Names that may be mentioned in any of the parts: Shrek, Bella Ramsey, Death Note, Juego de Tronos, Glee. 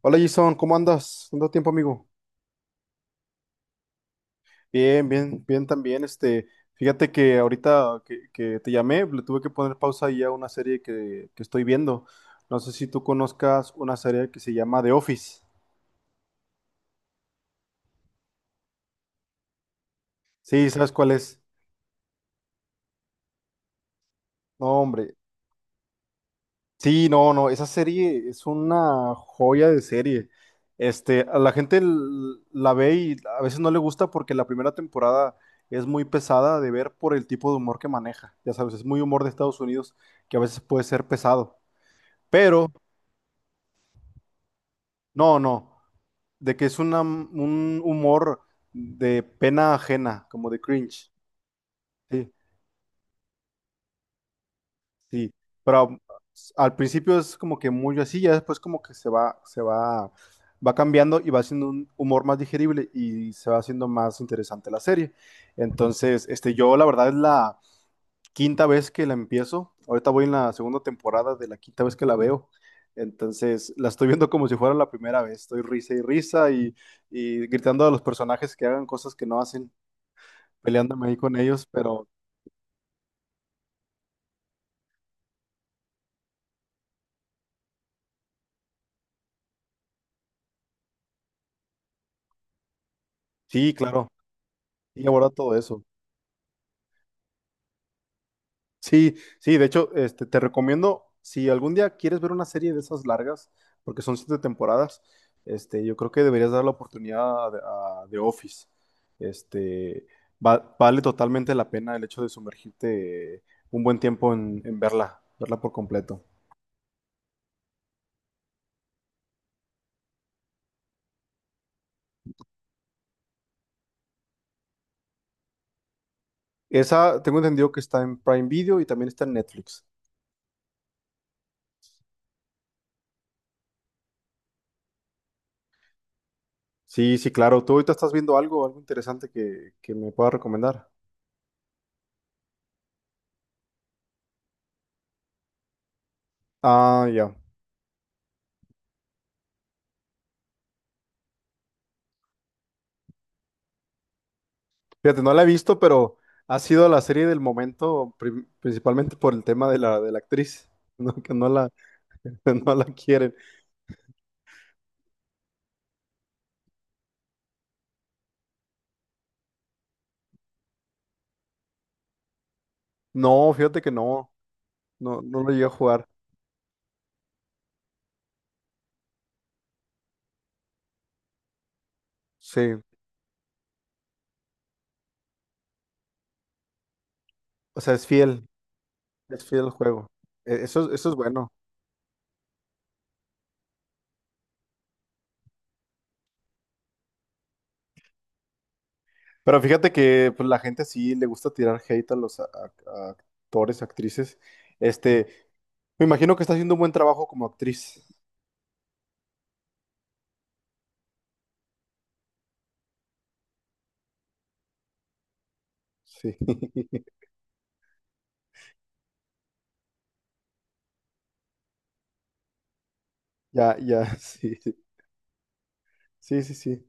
Hola Jason, ¿cómo andas? ¿Cuánto tiempo, amigo? Bien, bien, bien también. Fíjate que ahorita que te llamé, le tuve que poner pausa ahí a una serie que estoy viendo. No sé si tú conozcas una serie que se llama The Office. Sí, ¿sabes cuál es? No, hombre. Sí, no, no, esa serie es una joya de serie. A la gente la ve y a veces no le gusta porque la primera temporada es muy pesada de ver por el tipo de humor que maneja. Ya sabes, es muy humor de Estados Unidos que a veces puede ser pesado. Pero no, no, de que es un humor de pena ajena, como de cringe. Sí. Sí, pero al principio es como que muy así, ya después como que se va, va cambiando y va haciendo un humor más digerible y se va haciendo más interesante la serie. Entonces, yo la verdad es la quinta vez que la empiezo. Ahorita voy en la segunda temporada de la quinta vez que la veo. Entonces, la estoy viendo como si fuera la primera vez. Estoy risa y risa y gritando a los personajes que hagan cosas que no hacen, peleándome ahí con ellos, pero sí, claro, y aborda todo eso. Sí, sí, de hecho, te recomiendo, si algún día quieres ver una serie de esas largas, porque son siete temporadas, yo creo que deberías dar la oportunidad a The Office. Este, vale totalmente la pena el hecho de sumergirte un buen tiempo en verla, verla por completo. Esa tengo entendido que está en Prime Video y también está en Netflix. Sí, sí, claro. ¿Tú ahorita estás viendo algo, algo interesante que me pueda recomendar? Ah, ya. Fíjate, no la he visto, pero ha sido la serie del momento, principalmente por el tema de de la actriz, ¿no? Que no la, no la quieren. No, fíjate que no, no, no lo llegué a jugar. Sí, o sea, es fiel al juego. Eso, eso es bueno. Pero fíjate que pues, la gente sí le gusta tirar hate a los a actores, actrices. Este, me imagino que está haciendo un buen trabajo como actriz. Sí, ya, ya, sí, sí, sí, sí, sí.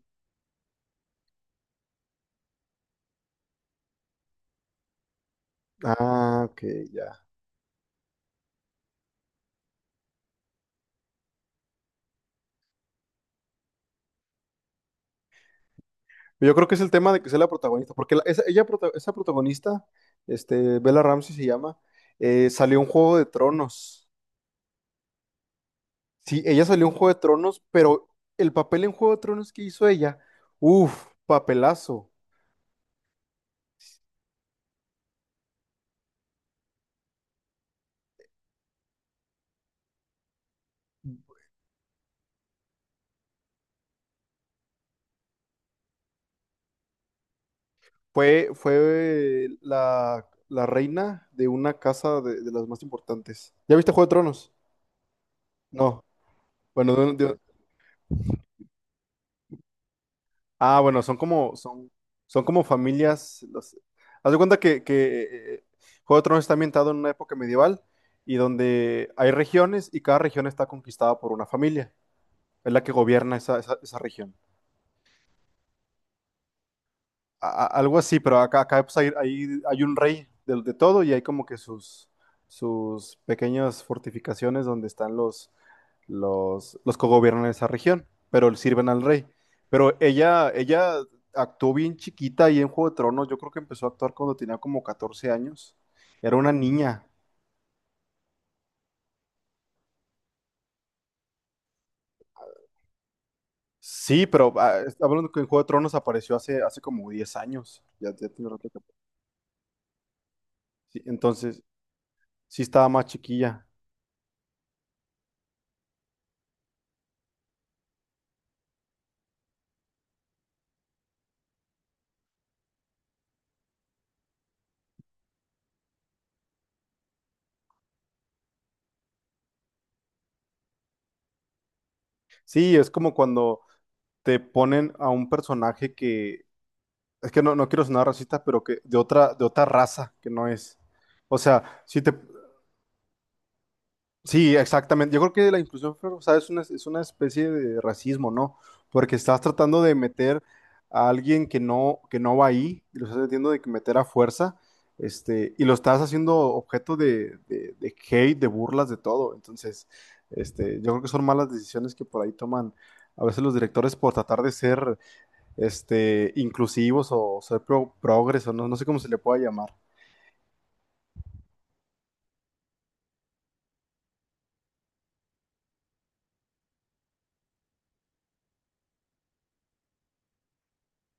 Ah, ok, ya. Yo creo que es el tema de que sea la protagonista, porque esa protagonista, Bella Ramsey se llama, salió en Juego de Tronos. Sí, ella salió en Juego de Tronos, pero el papel en Juego de Tronos que hizo ella, uff, papelazo. Fue, fue la reina de una casa de las más importantes. ¿Ya viste Juego de Tronos? No. Bueno, ah, bueno, son como, son, son como familias. Los... Haz de cuenta que, Juego de Tronos está ambientado en una época medieval y donde hay regiones y cada región está conquistada por una familia. Es la que gobierna esa, esa, esa región. A algo así, pero acá, acá pues, hay un rey de todo y hay como que sus, sus pequeñas fortificaciones donde están los que gobiernan esa región, pero le sirven al rey. Pero ella actuó bien chiquita y en Juego de Tronos, yo creo que empezó a actuar cuando tenía como 14 años. Era una niña. Sí, pero está hablando que en Juego de Tronos apareció hace, hace como 10 años. Ya, ya tiene rato que- sí, entonces, sí estaba más chiquilla. Sí, es como cuando te ponen a un personaje que, es que no, no quiero sonar racista, pero que de otra raza que no es. O sea, si te, sí, exactamente. Yo creo que la inclusión forzada es una especie de racismo, ¿no? Porque estás tratando de meter a alguien que no va ahí, y lo estás metiendo de que meter a fuerza, y lo estás haciendo objeto de hate, de burlas, de todo. Entonces, yo creo que son malas decisiones que por ahí toman a veces los directores por tratar de ser inclusivos o ser pro, progres, no, no sé cómo se le pueda llamar.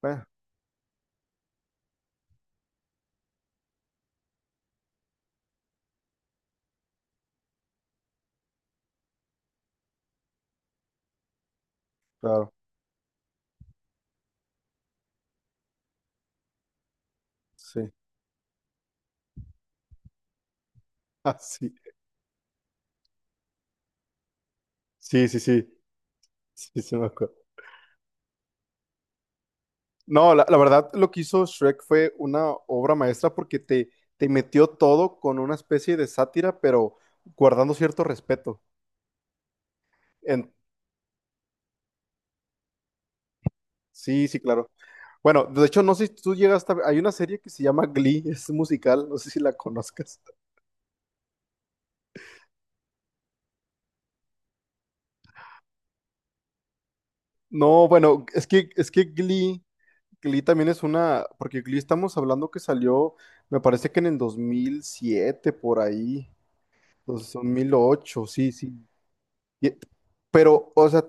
Bueno, claro, sí. Ah, sí. Sí, sí, sí. Sí, sí me acuerdo. No, la verdad, lo que hizo Shrek fue una obra maestra porque te metió todo con una especie de sátira, pero guardando cierto respeto. En- sí, sí, claro. Bueno, de hecho, no sé si tú llegas a... Hay una serie que se llama Glee, es musical, no sé si la conozcas. No, bueno, es que Glee también es una, porque Glee estamos hablando que salió, me parece que en el 2007, por ahí, 2008, sí, sí. Y- pero, o sea,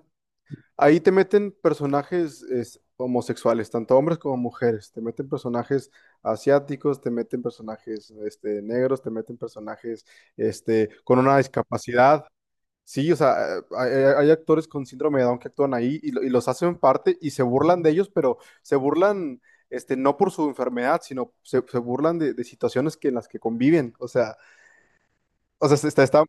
ahí te meten personajes es, homosexuales, tanto hombres como mujeres, te meten personajes asiáticos, te meten personajes negros, te meten personajes con una discapacidad. Sí, o sea, hay, hay actores con síndrome de Down que actúan ahí y, y los hacen parte y se burlan de ellos, pero se burlan, no por su enfermedad, sino se, se burlan de situaciones que en las que conviven. O sea, está,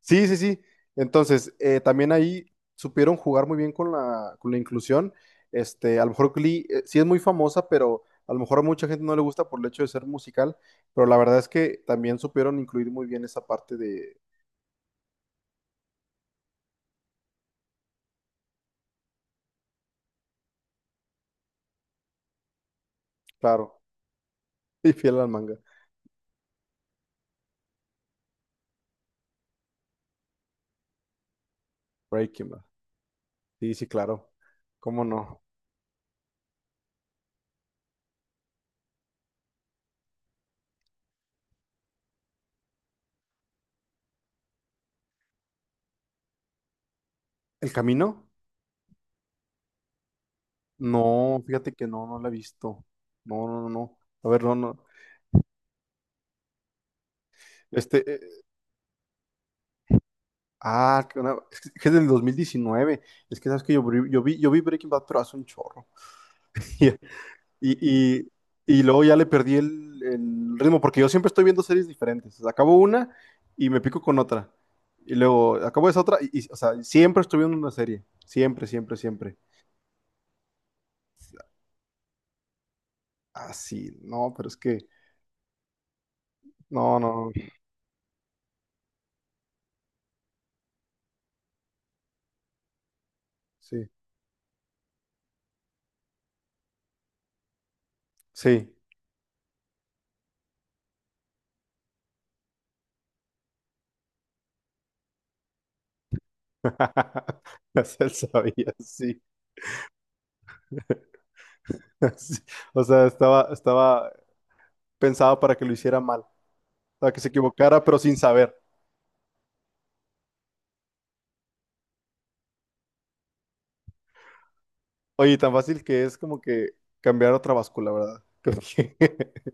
sí, sí, sí. Entonces, también ahí supieron jugar muy bien con la inclusión. A lo mejor Glee, sí es muy famosa, pero a lo mejor a mucha gente no le gusta por el hecho de ser musical, pero la verdad es que también supieron incluir muy bien esa parte de, claro, y fiel al manga. Breaking Bad. Sí, sí, claro. ¿Cómo no? ¿El camino? No, fíjate que no, no la he visto. No, no, no, no. A ver, no, no. Este, eh, que es que es del 2019. Es que sabes que yo, yo vi Breaking Bad, pero hace un chorro. Y, y luego ya le perdí el ritmo, porque yo siempre estoy viendo series diferentes. Acabo una y me pico con otra. Y luego acabo esa otra, y, o sea, siempre estoy viendo una serie. Siempre, siempre, siempre. Ah, sí, no, pero es que, no, no, no. Sí. Sí. Ya se sabía, sí. Sí. O sea, estaba, estaba pensado para que lo hiciera mal, para que se equivocara, pero sin saber. Oye, tan fácil que es como que cambiar otra báscula, ¿verdad? Creo que-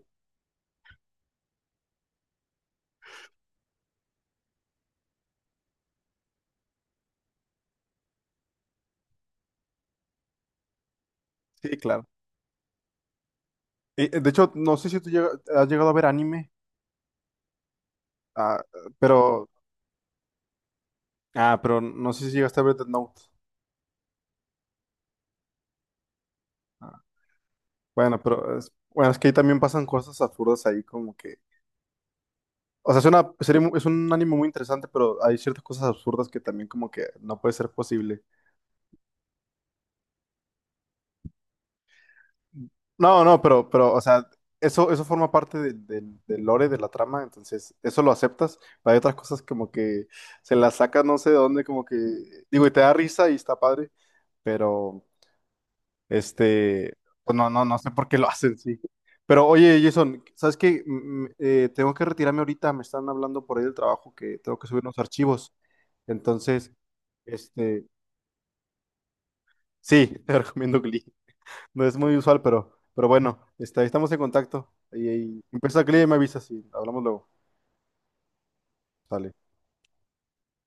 Sí, claro. Y, de hecho, no sé si tú has llegado a ver anime, ah, pero, ah, pero no sé si llegaste a ver Death Note. Ah, bueno, pero es, bueno, es que ahí también pasan cosas absurdas ahí, como que o sea, es una serie es un anime muy interesante, pero hay ciertas cosas absurdas que también como que no puede ser posible. No, no, pero, o sea, eso forma parte del del lore de la trama, entonces eso lo aceptas, pero hay otras cosas como que se las saca no sé de dónde, como que, digo, y te da risa y está padre, pero Este, pues no, no, no sé por qué lo hacen, sí. Pero oye, Jason, ¿sabes qué? Tengo que retirarme ahorita, me están hablando por ahí del trabajo que tengo que subir unos archivos. Entonces, este, sí, te recomiendo Glee. No es muy usual, pero bueno, ahí estamos en contacto. Y empieza Glee y me avisas y hablamos luego. Sale.